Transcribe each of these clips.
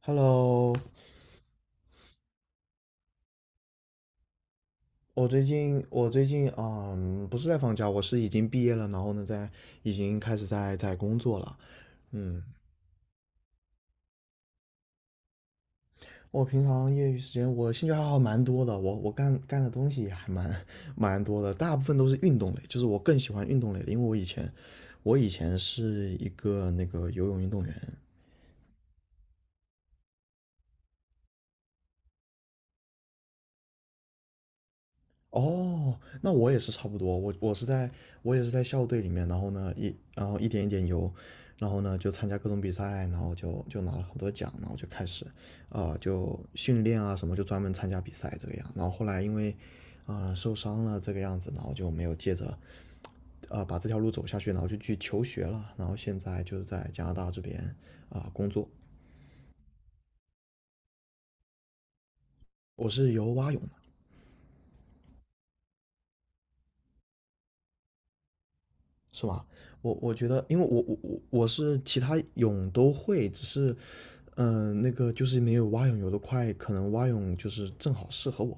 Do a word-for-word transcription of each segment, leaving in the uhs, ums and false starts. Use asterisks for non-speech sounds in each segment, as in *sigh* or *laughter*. Hello，我最近我最近嗯不是在放假，我是已经毕业了，然后呢在已经开始在在工作了。嗯，我平常业余时间我兴趣爱好蛮多的，我我干干的东西也还蛮蛮多的，大部分都是运动类，就是我更喜欢运动类的，因为我以前我以前是一个那个游泳运动员。哦，那我也是差不多，我我是在我也是在校队里面，然后呢一然后一点一点游，然后呢就参加各种比赛，然后就就拿了很多奖，然后就开始啊、呃就训练啊什么，就专门参加比赛这个样。然后后来因为啊、呃受伤了这个样子，然后就没有接着啊、呃把这条路走下去，然后就去求学了，然后现在就是在加拿大这边啊、工作。我是游蛙泳的。是吧？我我觉得，因为我我我我是其他泳都会，只是，嗯、那个就是没有蛙泳游得快，可能蛙泳就是正好适合我。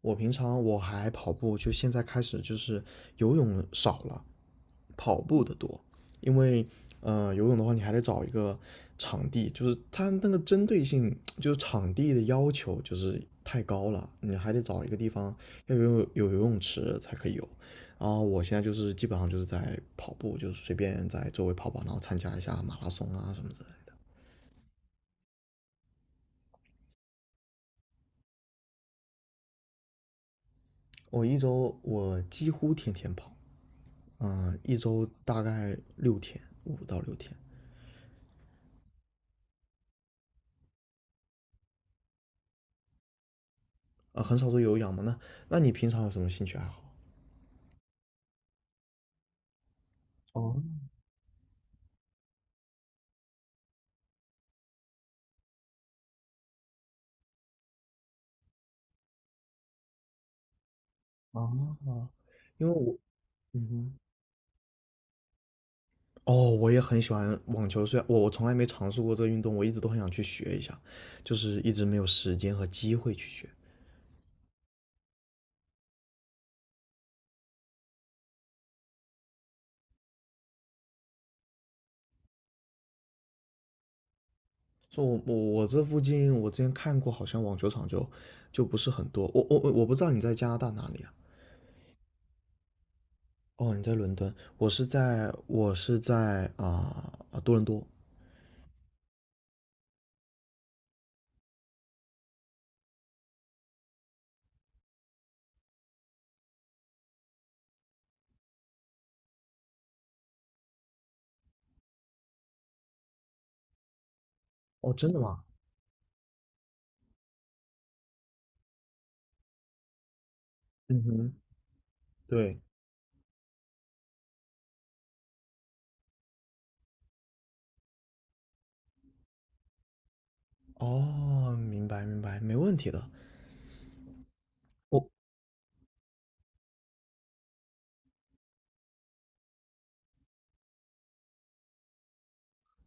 我平常我还跑步，就现在开始就是游泳少了，跑步的多，因为呃游泳的话，你还得找一个场地，就是它那个针对性，就是场地的要求就是太高了，你还得找一个地方要有有游泳池才可以游。然后我现在就是基本上就是在跑步，就是随便在周围跑跑，然后参加一下马拉松啊什么之类的。我一周我几乎天天跑，嗯、呃一周大概六天，五到六天，啊、呃很少做有氧嘛。那那你平常有什么兴趣爱好？哦，啊！因为我，嗯哼，哦，我也很喜欢网球，虽然我我从来没尝试过这个运动，我一直都很想去学一下，就是一直没有时间和机会去学。说我我我这附近，我之前看过，好像网球场就就不是很多。我我我不知道你在加拿大哪里啊？哦，你在伦敦，我是在我是在啊、啊多伦多。哦，真的吗？嗯哼。对。哦，明白明白，没问题的。我。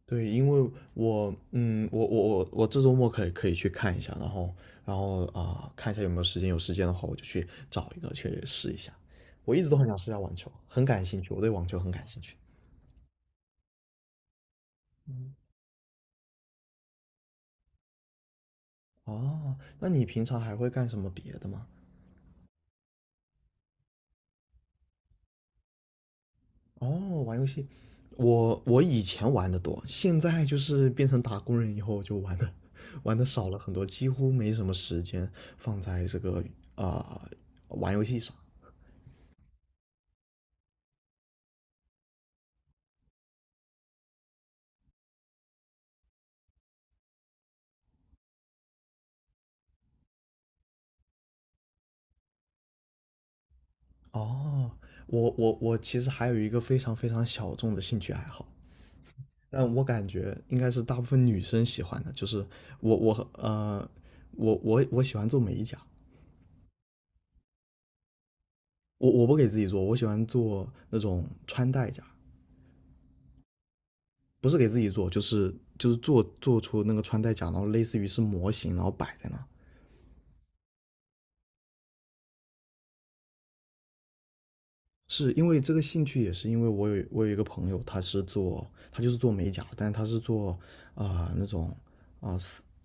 对，因为我，嗯，我我我我这周末可以可以去看一下，然后然后啊、看一下有没有时间，有时间的话我就去找一个去试一下。我一直都很想试一下网球，很感兴趣，我对网球很感兴趣。哦，那你平常还会干什么别的吗？哦，玩游戏，我我以前玩的多，现在就是变成打工人以后就玩的 *laughs* 玩的少了很多，几乎没什么时间放在这个啊、玩游戏上。哦，我我我其实还有一个非常非常小众的兴趣爱好，但我感觉应该是大部分女生喜欢的，就是我我呃我我我喜欢做美甲。我我不给自己做，我喜欢做那种穿戴甲，不是给自己做，就是就是做做出那个穿戴甲，然后类似于是模型，然后摆在那。是因为这个兴趣，也是因为我有我有一个朋友，他是做他就是做美甲，但是他是做啊、呃那种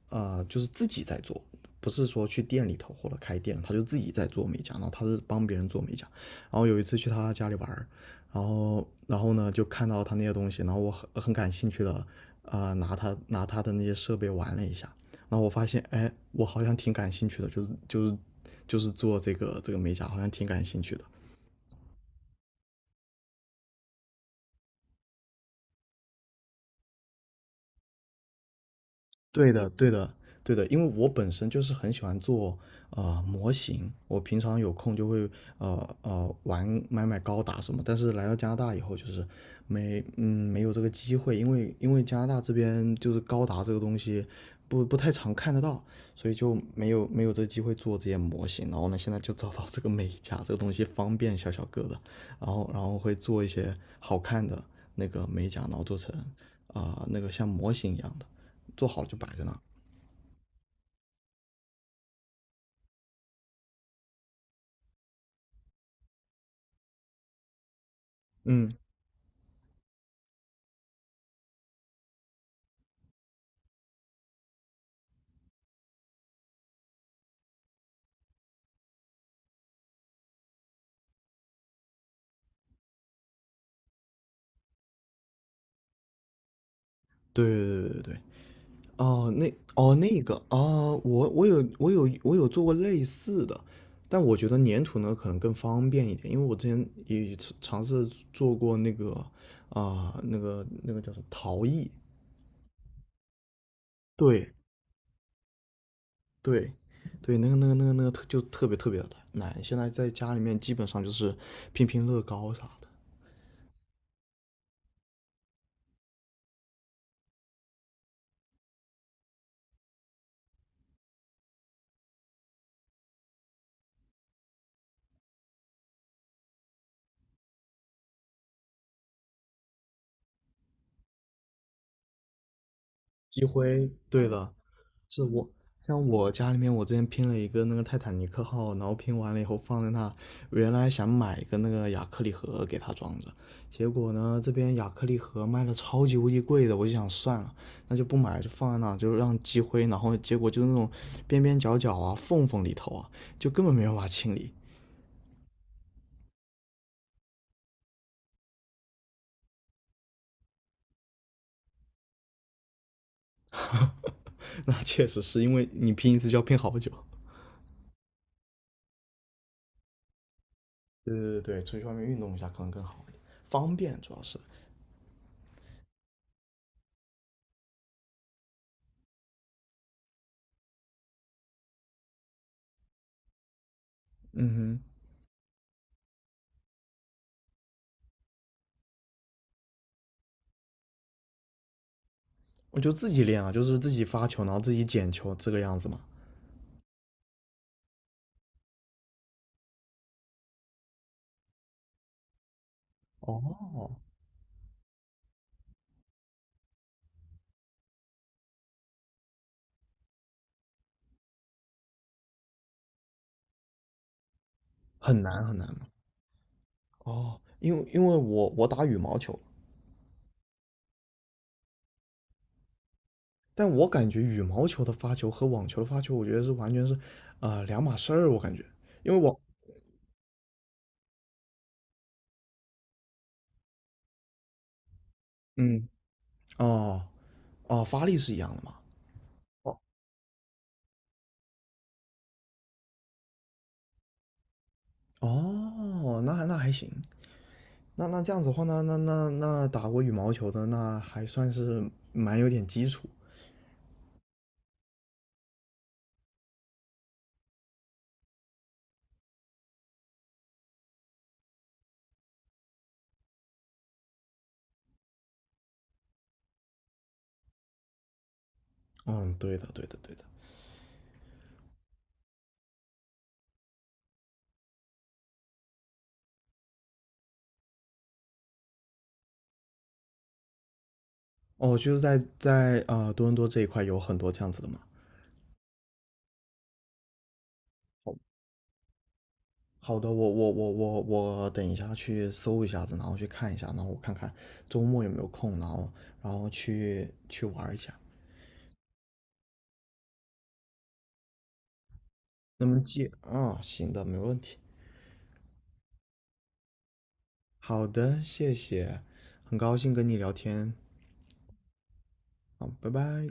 啊，就是自己在做，不是说去店里头或者开店，他就自己在做美甲，然后他是帮别人做美甲。然后有一次去他家里玩，然后然后呢就看到他那些东西，然后我很很感兴趣的啊、呃拿他拿他的那些设备玩了一下，然后我发现哎，我好像挺感兴趣的，就是就是就是做这个这个美甲，好像挺感兴趣的。对的，对的，对的，因为我本身就是很喜欢做呃模型，我平常有空就会呃呃玩买买高达什么，但是来到加拿大以后就是没嗯没有这个机会，因为因为加拿大这边就是高达这个东西不不太常看得到，所以就没有没有这个机会做这些模型，然后呢现在就找到这个美甲这个东西方便小小个的，然后然后会做一些好看的那个美甲，然后做成啊、呃那个像模型一样的。做好了就摆在那儿。嗯，对对对对对，哦，那哦那个啊，我我有我有我有做过类似的，但我觉得粘土呢可能更方便一点，因为我之前也尝尝试做过那个啊、那个那个叫什么陶艺。对对对，那个那个那个那个特就特别特别的难，现在在家里面基本上就是拼拼乐高啥的，积灰，对的。是我像我家里面，我之前拼了一个那个泰坦尼克号，然后拼完了以后放在那，原来想买一个那个亚克力盒给它装着，结果呢这边亚克力盒卖的超级无敌贵的，我就想算了，那就不买了，就放在那，就让积灰，然后结果就是那种边边角角啊、缝缝里头啊，就根本没办法清理。*laughs* 那确实是因为你拼一次就要拼好久。对对对对，出去外面运动一下可能更好一点，方便主要是。嗯哼。我就自己练啊，就是自己发球，然后自己捡球这个样子嘛。哦，很难很难嘛。哦，因为因为我我打羽毛球，但我感觉羽毛球的发球和网球的发球，我觉得是完全是呃两码事儿，我感觉，因为网嗯哦，哦，发力是一样的嘛。哦，哦，那还那还行，那那这样子的话，那那那那打过羽毛球的，那还算是蛮有点基础。嗯，对的，对的，对的。哦，就是在在啊、呃多伦多这一块有很多这样子的嘛。好的，我我我我我等一下去搜一下子，然后去看一下，然后我看看周末有没有空，然后然后去去玩一下。那么既啊、行的，没问题。好的，谢谢，很高兴跟你聊天，好，拜拜。